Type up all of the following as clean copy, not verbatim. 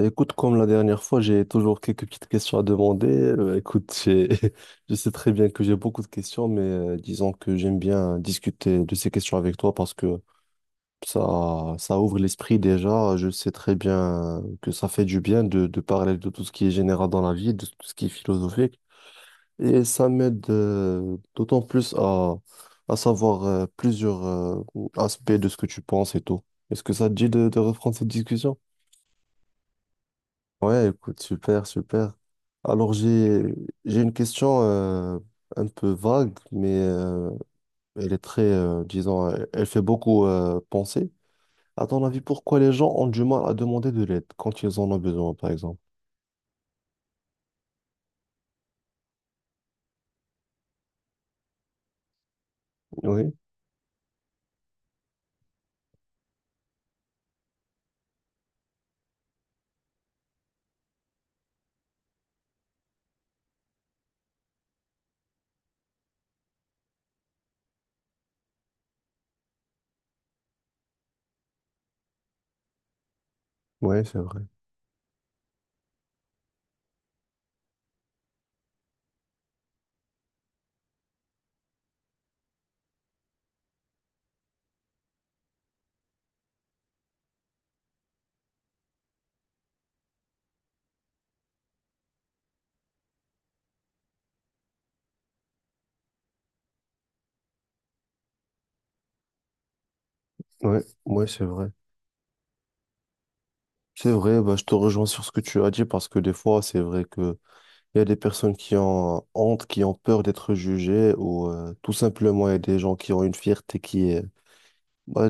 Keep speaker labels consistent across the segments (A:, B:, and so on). A: Écoute, comme la dernière fois, j'ai toujours quelques petites questions à demander. Écoute, je sais très bien que j'ai beaucoup de questions, mais disons que j'aime bien discuter de ces questions avec toi parce que ça ouvre l'esprit déjà. Je sais très bien que ça fait du bien de parler de tout ce qui est général dans la vie, de tout ce qui est philosophique. Et ça m'aide d'autant plus à savoir plusieurs aspects de ce que tu penses et tout. Est-ce que ça te dit de reprendre cette discussion? Ouais, écoute, super, super. Alors j'ai une question un peu vague, mais elle est très, disons, elle fait beaucoup penser. À ton avis, pourquoi les gens ont du mal à demander de l'aide quand ils en ont besoin, par exemple? Oui, ouais, c'est vrai. Ouais, ouais, c'est vrai. C'est vrai, bah, je te rejoins sur ce que tu as dit parce que des fois, c'est vrai que il y a des personnes qui ont honte, qui ont peur d'être jugées ou tout simplement, il y a des gens qui ont une fierté qui est, bah,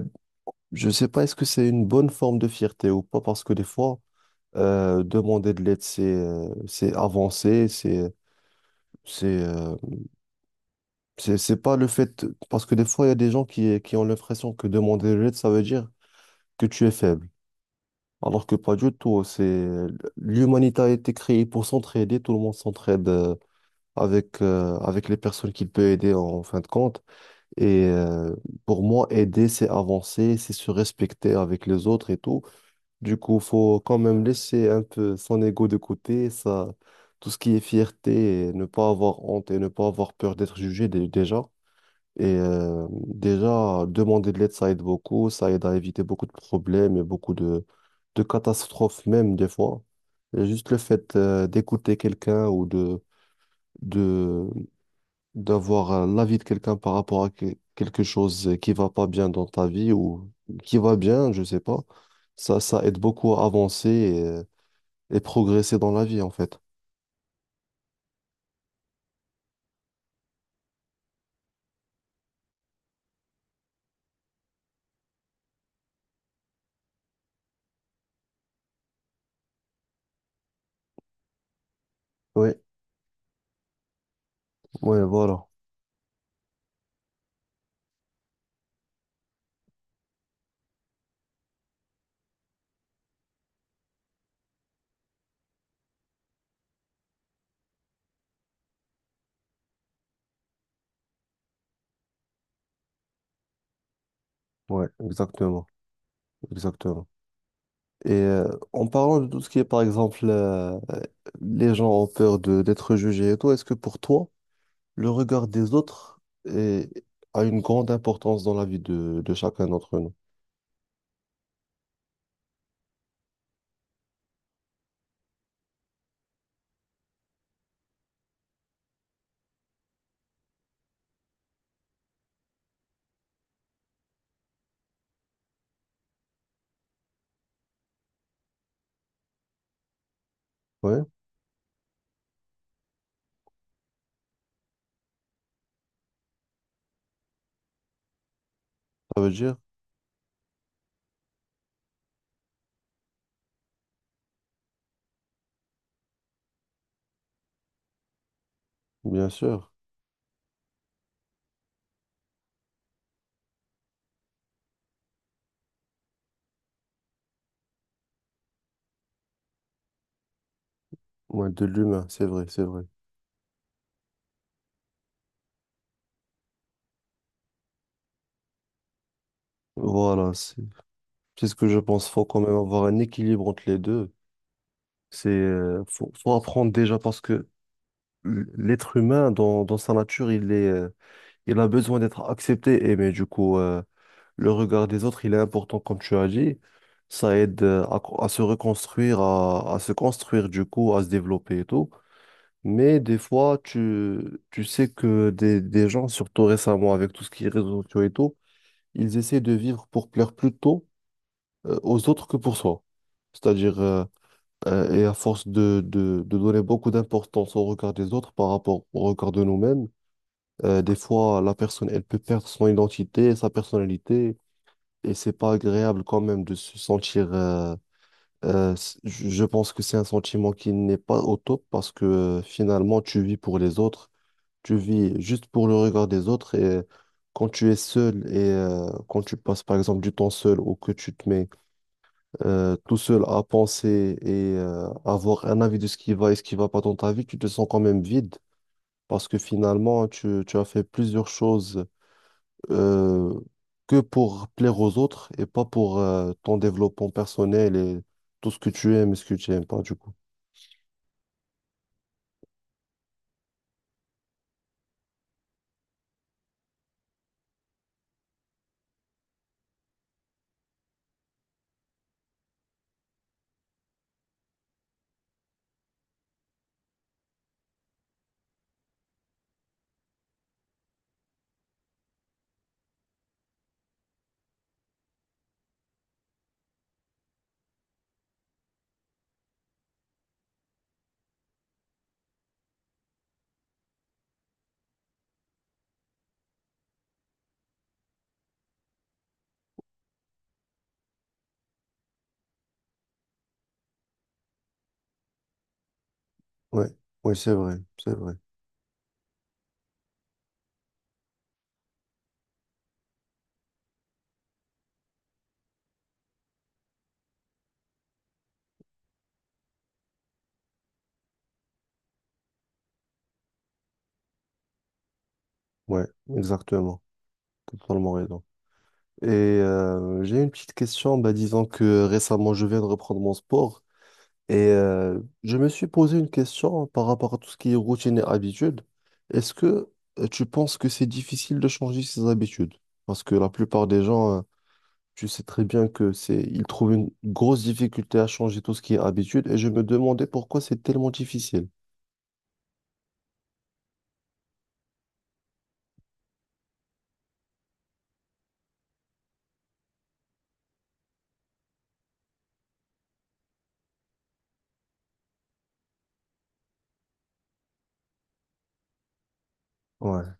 A: je sais pas, est-ce que c'est une bonne forme de fierté ou pas, parce que des fois, demander de l'aide, c'est avancer, c'est euh, c'est pas le fait, parce que des fois, il y a des gens qui ont l'impression que demander de l'aide, ça veut dire que tu es faible, alors que pas du tout. C'est l'humanité a été créée pour s'entraider, tout le monde s'entraide avec avec les personnes qu'il peut aider en fin de compte. Et pour moi, aider, c'est avancer, c'est se respecter avec les autres et tout. Du coup, faut quand même laisser un peu son ego de côté, ça, tout ce qui est fierté, et ne pas avoir honte et ne pas avoir peur d'être jugé déjà. Et déjà, demander de l'aide, ça aide beaucoup, ça aide à éviter beaucoup de problèmes et beaucoup de catastrophes même des fois. Et juste le fait d'écouter quelqu'un ou de, d'avoir l'avis de quelqu'un par rapport à quelque chose qui va pas bien dans ta vie ou qui va bien, je sais pas, ça aide beaucoup à avancer et progresser dans la vie, en fait. Oui, ouais, voilà. Ouais, exactement, exactement. Et en parlant de tout ce qui est, par exemple, les gens ont peur de d'être jugés et tout, est-ce que pour toi, le regard des autres est- a une grande importance dans la vie de chacun d'entre nous? Oui, ça veut dire, bien sûr, ouais, de l'humain, c'est vrai, c'est vrai. Voilà, c'est ce que je pense. Faut quand même avoir un équilibre entre les deux. C'est faut, faut apprendre déjà parce que l'être humain dans, dans sa nature, il est il a besoin d'être accepté et mais du coup le regard des autres, il est important comme tu as dit. Ça aide à, à se reconstruire, à se construire du coup, à se développer et tout. Mais des fois, tu sais que des gens, surtout récemment avec tout ce qui est réseaux sociaux et tout, ils essaient de vivre pour plaire plutôt aux autres que pour soi. C'est-à-dire, et à force de donner beaucoup d'importance au regard des autres par rapport au regard de nous-mêmes, des fois, la personne, elle peut perdre son identité, sa personnalité, et c'est pas agréable quand même de se sentir. Je pense que c'est un sentiment qui n'est pas au top parce que finalement, tu vis pour les autres, tu vis juste pour le regard des autres, et quand tu es seul et quand tu passes, par exemple, du temps seul ou que tu te mets tout seul à penser et avoir un avis de ce qui va et ce qui va pas dans ta vie, tu te sens quand même vide parce que finalement, tu as fait plusieurs choses euh, que pour plaire aux autres et pas pour ton développement personnel et tout ce que tu aimes et ce que tu aimes pas, du coup. Ouais, ouais, c'est vrai, c'est vrai. Ouais, exactement. Totalement raison. Et j'ai une petite question, bah, disons que récemment je viens de reprendre mon sport et je me suis posé une question par rapport à tout ce qui est routine et habitude. Est-ce que tu penses que c'est difficile de changer ses habitudes? Parce que la plupart des gens tu sais très bien que c'est, ils trouvent une grosse difficulté à changer tout ce qui est habitude et je me demandais pourquoi c'est tellement difficile. Ouais,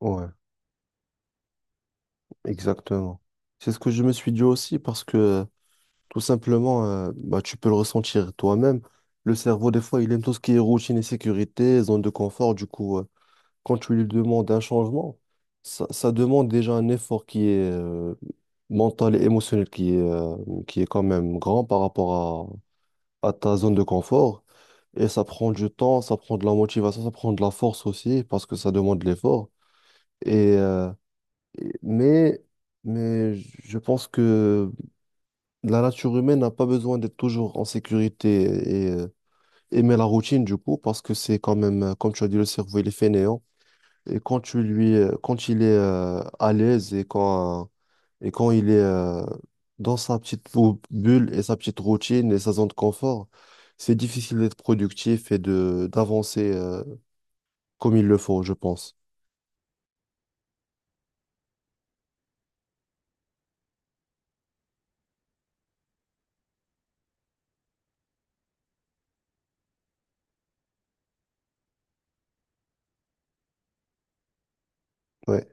A: ouais, exactement. C'est ce que je me suis dit aussi parce que tout simplement, bah, tu peux le ressentir toi-même. Le cerveau, des fois, il aime tout ce qui est routine et sécurité, zone de confort. Du coup, quand tu lui demandes un changement, ça demande déjà un effort qui est mental et émotionnel, qui est quand même grand par rapport à ta zone de confort. Et ça prend du temps, ça prend de la motivation, ça prend de la force aussi, parce que ça demande de l'effort. Et, euh, et- mais, mais je pense que la nature humaine n'a pas besoin d'être toujours en sécurité et aimer la routine du coup, parce que c'est quand même, comme tu as dit, le cerveau, il est fainéant. Et quand tu quand il est à l'aise et quand il est dans sa petite bulle et sa petite routine et sa zone de confort, c'est difficile d'être productif et de d'avancer comme il le faut, je pense. Ouais,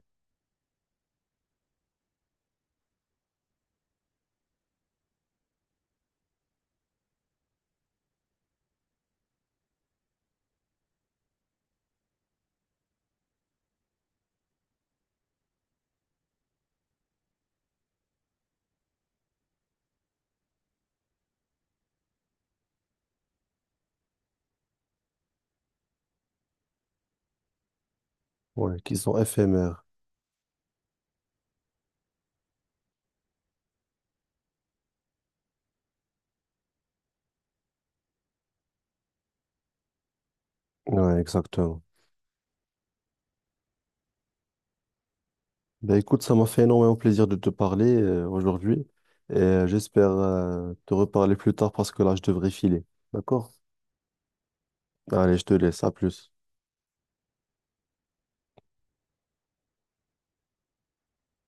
A: ouais, qui sont éphémères. Ouais, exactement. Ben écoute, ça m'a fait énormément plaisir de te parler aujourd'hui et j'espère te reparler plus tard parce que là, je devrais filer. D'accord? Allez, je te laisse. À plus.